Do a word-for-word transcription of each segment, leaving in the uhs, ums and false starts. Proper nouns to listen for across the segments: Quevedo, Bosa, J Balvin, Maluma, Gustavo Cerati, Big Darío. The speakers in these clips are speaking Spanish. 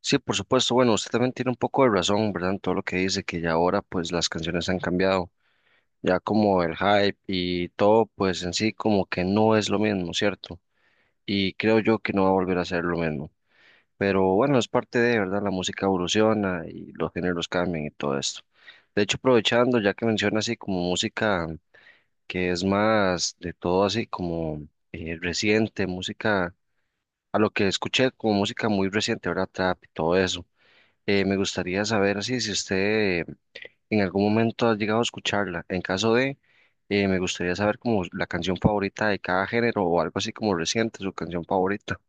Sí, por supuesto. Bueno, usted también tiene un poco de razón, ¿verdad? En todo lo que dice, que ya ahora pues las canciones han cambiado, ya como el hype y todo pues en sí como que no es lo mismo, ¿cierto? Y creo yo que no va a volver a ser lo mismo. Pero bueno, es parte de, ¿verdad? La música evoluciona y los géneros cambian y todo esto. De hecho, aprovechando, ya que menciona así como música que es más de todo así como eh, reciente, música, a lo que escuché como música muy reciente, ¿verdad? Trap y todo eso. Eh, me gustaría saber así, si usted eh, en algún momento ha llegado a escucharla. En caso de, eh, me gustaría saber como la canción favorita de cada género o algo así como reciente, su canción favorita.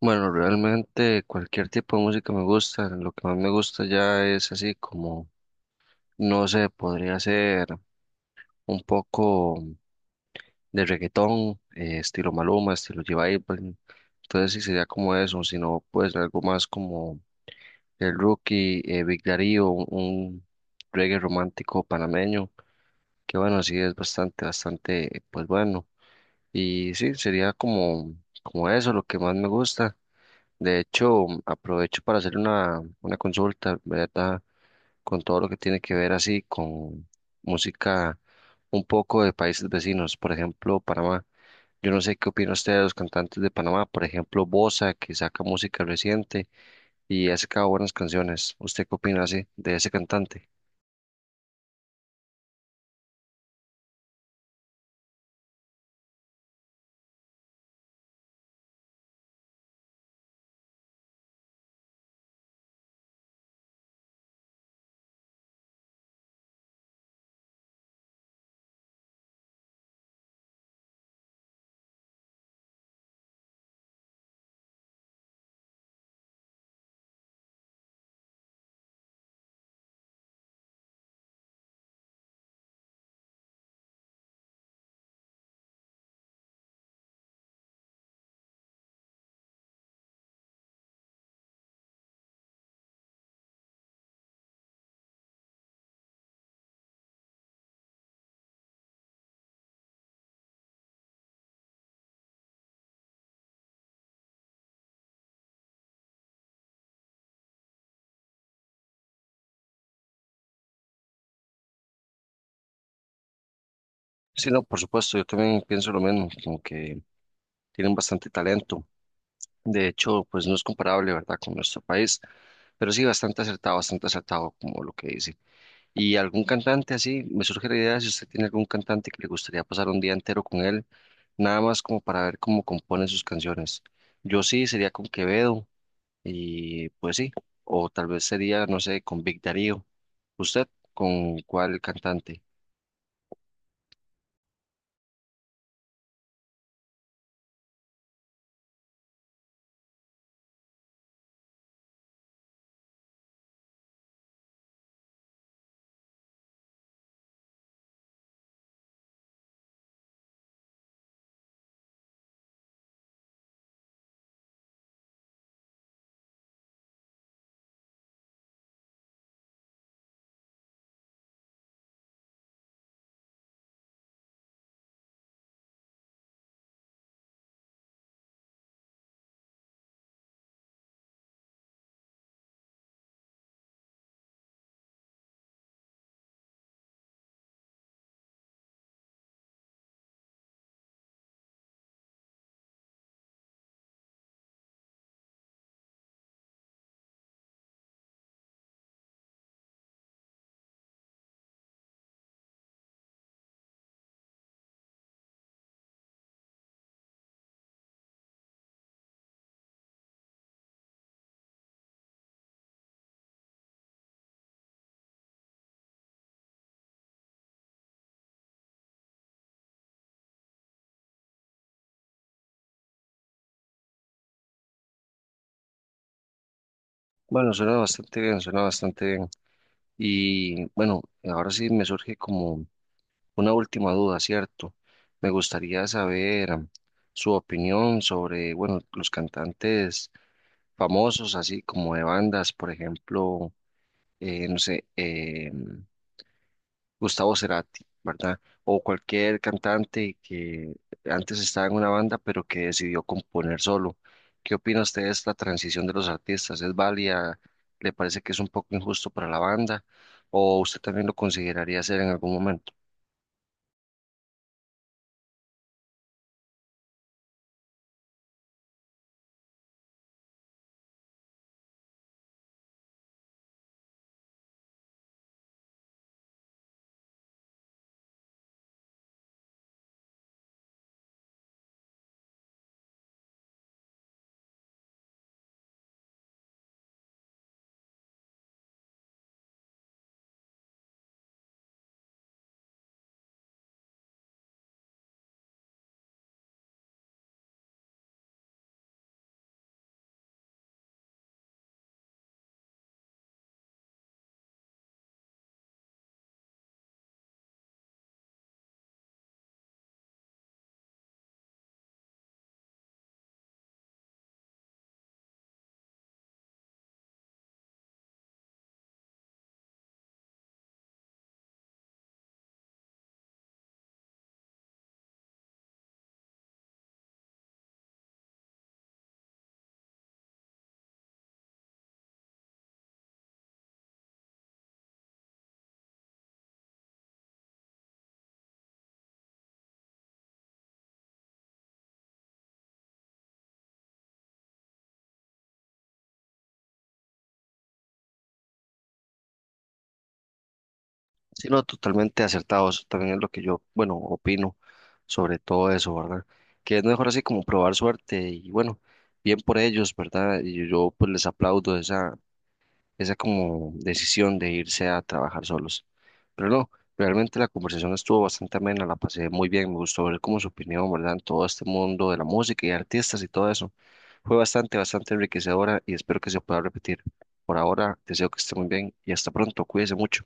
Bueno, realmente cualquier tipo de música me gusta. Lo que más me gusta ya es así como, no sé, podría ser un poco de reggaetón, eh, estilo Maluma, estilo J Balvin. Entonces sí sería como eso, sino pues algo más como el rookie eh, Big Darío, un, un reggae romántico panameño, que bueno, sí es bastante, bastante, pues bueno. Y sí, sería como, como eso lo que más me gusta. De hecho, aprovecho para hacer una, una consulta, ¿verdad? Con todo lo que tiene que ver así con música un poco de países vecinos, por ejemplo, Panamá. Yo no sé qué opina usted de los cantantes de Panamá, por ejemplo, Bosa, que saca música reciente y ha sacado buenas canciones. ¿Usted qué opina así de ese cantante? Sí, no, por supuesto, yo también pienso lo mismo, como que tienen bastante talento. De hecho, pues no es comparable, ¿verdad?, con nuestro país, pero sí bastante acertado, bastante acertado, como lo que dice. Y algún cantante así, me surge la idea, si usted tiene algún cantante que le gustaría pasar un día entero con él, nada más como para ver cómo compone sus canciones. Yo sí sería con Quevedo y pues sí, o tal vez sería, no sé, con Big Darío. ¿Usted con cuál cantante? Bueno, suena bastante bien, suena bastante bien. Y bueno, ahora sí me surge como una última duda, ¿cierto? Me gustaría saber am, su opinión sobre, bueno, los cantantes famosos, así como de bandas, por ejemplo, eh, no sé, eh, Gustavo Cerati, ¿verdad? O cualquier cantante que antes estaba en una banda, pero que decidió componer solo. ¿Qué opina usted de esta transición de los artistas? ¿Es válida? ¿Le parece que es un poco injusto para la banda? ¿O usted también lo consideraría hacer en algún momento? Sí, no, totalmente acertado. Eso también es lo que yo, bueno, opino sobre todo eso, ¿verdad? Que es mejor así como probar suerte y bueno, bien por ellos, ¿verdad? Y yo pues les aplaudo esa esa como decisión de irse a trabajar solos. Pero no, realmente la conversación estuvo bastante amena, la pasé muy bien, me gustó ver como su opinión, ¿verdad? En todo este mundo de la música y artistas y todo eso. Fue bastante, bastante enriquecedora y espero que se pueda repetir. Por ahora, deseo que esté muy bien y hasta pronto, cuídese mucho.